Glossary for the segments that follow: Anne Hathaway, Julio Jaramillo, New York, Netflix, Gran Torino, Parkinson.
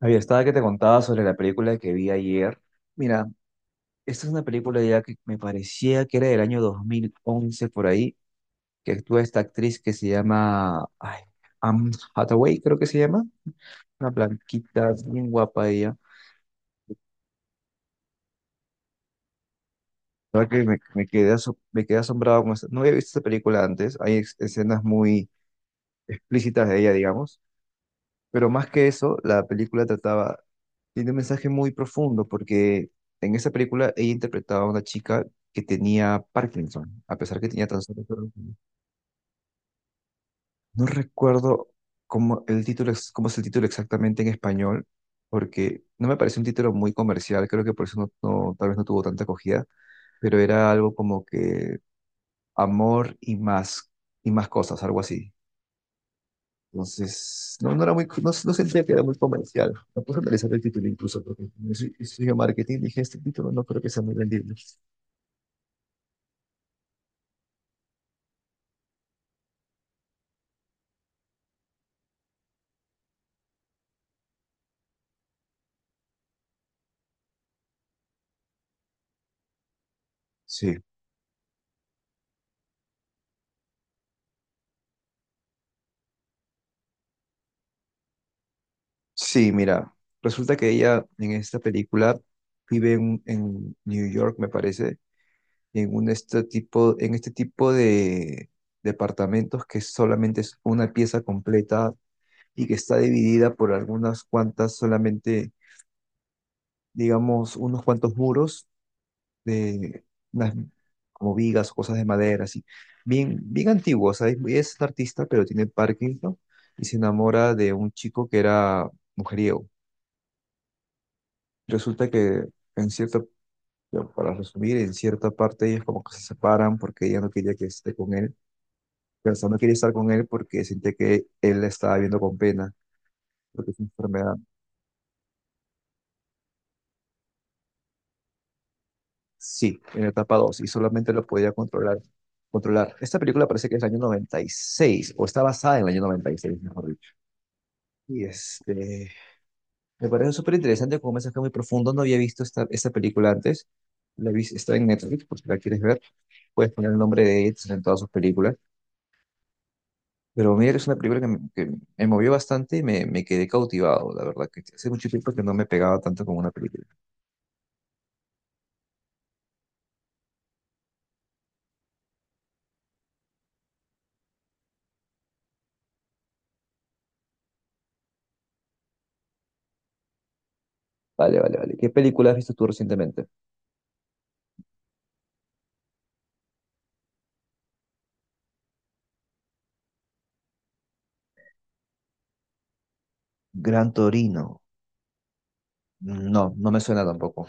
Había estaba que te contaba sobre la película que vi ayer. Mira, esta es una película ya que me parecía que era del año 2011 por ahí, que actúa esta actriz que se llama ay, Anne Hathaway, creo que se llama. Una blanquita, bien guapa ella. La verdad que me me quedé asombrado con esta. No había visto esta película antes. Hay escenas muy explícitas de ella, digamos. Pero más que eso, tiene un mensaje muy profundo porque en esa película ella interpretaba a una chica que tenía Parkinson, a pesar que tenía trastorno. No recuerdo cómo es el título exactamente en español, porque no me parece un título muy comercial, creo que por eso tal vez no tuvo tanta acogida, pero era algo como que amor y más cosas, algo así. Entonces, no era muy, no sentía que era muy comercial. Me puse a analizar el título incluso, porque si marketing, dije, este título no creo que sea muy vendible. Sí, sí, mira, resulta que ella en esta película vive en New York, me parece, en este tipo de departamentos que solamente es una pieza completa y que está dividida por algunas cuantas, solamente, digamos, unos cuantos muros de unas como vigas o cosas de madera, así. Bien, bien antiguo, o sea, es un artista, pero tiene Parkinson, ¿no? Y se enamora de un chico que era mujeriego. Resulta que en cierta, ya, para resumir, en cierta parte ellos como que se separan porque ella no quería que esté con él, pero o sea, no quería estar con él porque sentía que él la estaba viendo con pena, porque es una enfermedad. Sí, en la etapa 2 y solamente lo podía controlar. Controlar. Esta película parece que es del año 96 o está basada en el año 96 mejor dicho. Y este, me parece súper interesante como un mensaje muy profundo. No había visto esta película antes. La vi, está en Netflix, por si la quieres ver. Puedes poner el nombre de Eds en todas sus películas. Pero mira, es una película que me movió bastante y me quedé cautivado, la verdad, que hace mucho tiempo que no me pegaba tanto con una película. Vale, vale, vale. ¿Qué película has visto tú recientemente? Gran Torino. No, no me suena tampoco.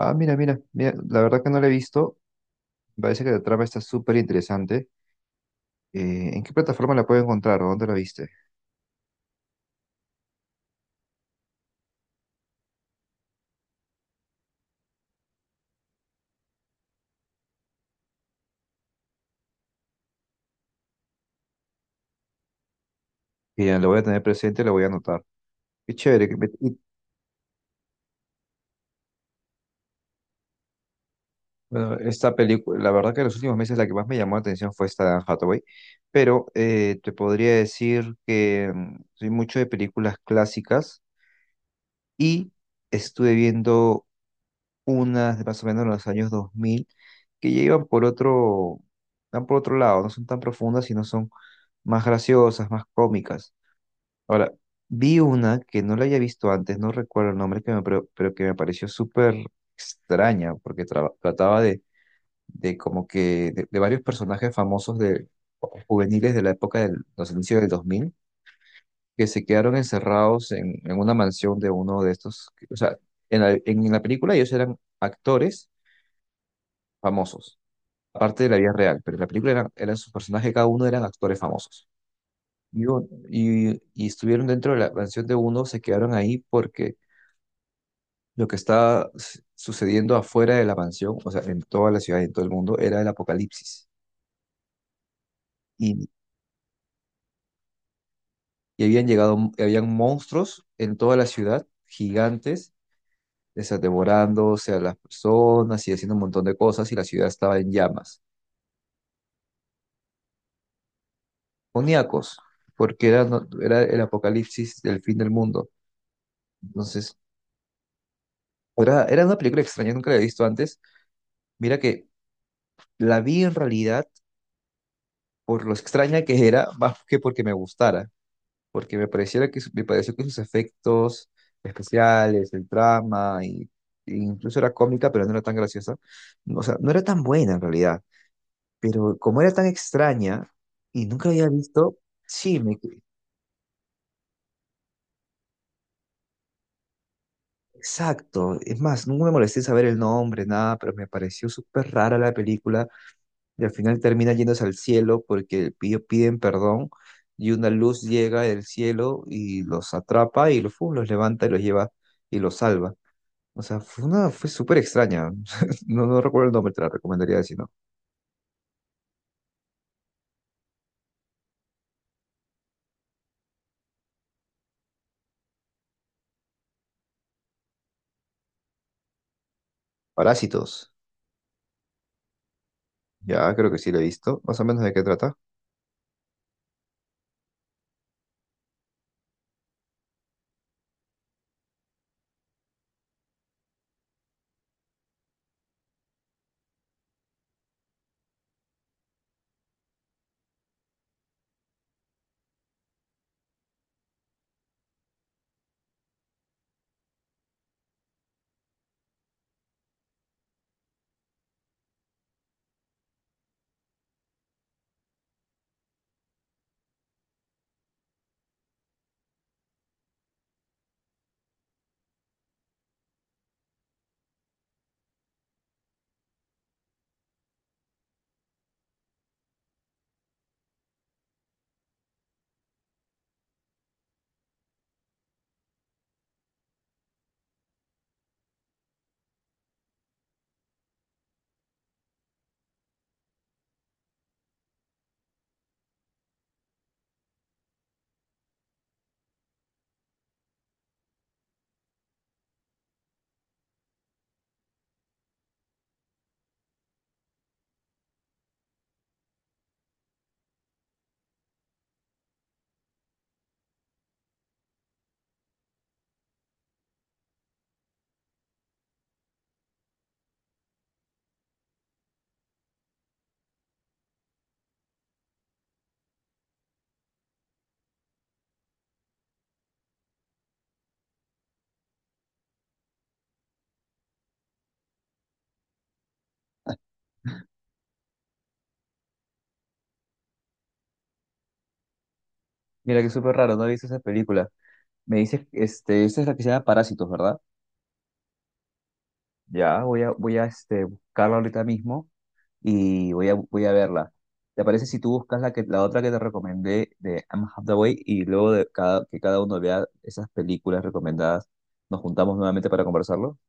Ah, mira, mira, mira, la verdad que no la he visto. Me parece que la trama está súper interesante. ¿En qué plataforma la puedo encontrar o dónde la viste? Y ya lo voy a tener presente, lo voy a anotar. Qué chévere. Bueno, esta película, la verdad que en los últimos meses la que más me llamó la atención fue esta de Anne Hathaway, pero te podría decir que mm, soy mucho de películas clásicas y estuve viendo unas de más o menos en los años 2000 que ya van por otro lado, no son tan profundas, sino son más graciosas, más cómicas. Ahora, vi una que no la había visto antes, no recuerdo el nombre, pero que me pareció súper extraña, porque trataba de como que de varios personajes famosos de juveniles de la época de los inicios del 2000 que se quedaron encerrados en una mansión de uno de estos. O sea, en la película ellos eran actores famosos, aparte de la vida real, pero en la película eran sus personajes, cada uno eran actores famosos. Y estuvieron dentro de la mansión de uno, se quedaron ahí porque lo que está sucediendo afuera de la mansión, o sea, en toda la ciudad y en todo el mundo, era el apocalipsis. Y, y habían monstruos en toda la ciudad, gigantes, o sea, devorándose a las personas y haciendo un montón de cosas, y la ciudad estaba en llamas. Oníacos, porque era, no- era el apocalipsis del fin del mundo. Entonces, era una película extraña, nunca la había visto antes. Mira que la vi en realidad por lo extraña que era, más que porque me gustara. Porque me pareciera me pareció que sus efectos especiales, el drama, y, e incluso era cómica, pero no era tan graciosa, o sea, no era tan buena en realidad, pero como era tan extraña y nunca la había visto, sí, me, exacto, es más, nunca me molesté en saber el nombre, nada, pero me pareció súper rara la película y al final termina yéndose al cielo porque piden perdón. Y una luz llega del cielo y los atrapa y los, ¡fum!, los levanta y los lleva y los salva. O sea, fue súper extraña. No, no recuerdo el nombre, te la recomendaría decir, ¿no? Parásitos. Ya, creo que sí lo he visto. Más o menos de qué trata. Mira, que súper raro, no he visto esa película. Me dices, este, esta es la que se llama Parásitos, ¿verdad? Ya, voy a buscarla ahorita mismo y voy a verla. ¿Te parece si tú buscas la otra que te recomendé de Anne Hathaway y luego que cada uno vea esas películas recomendadas, nos juntamos nuevamente para conversarlo?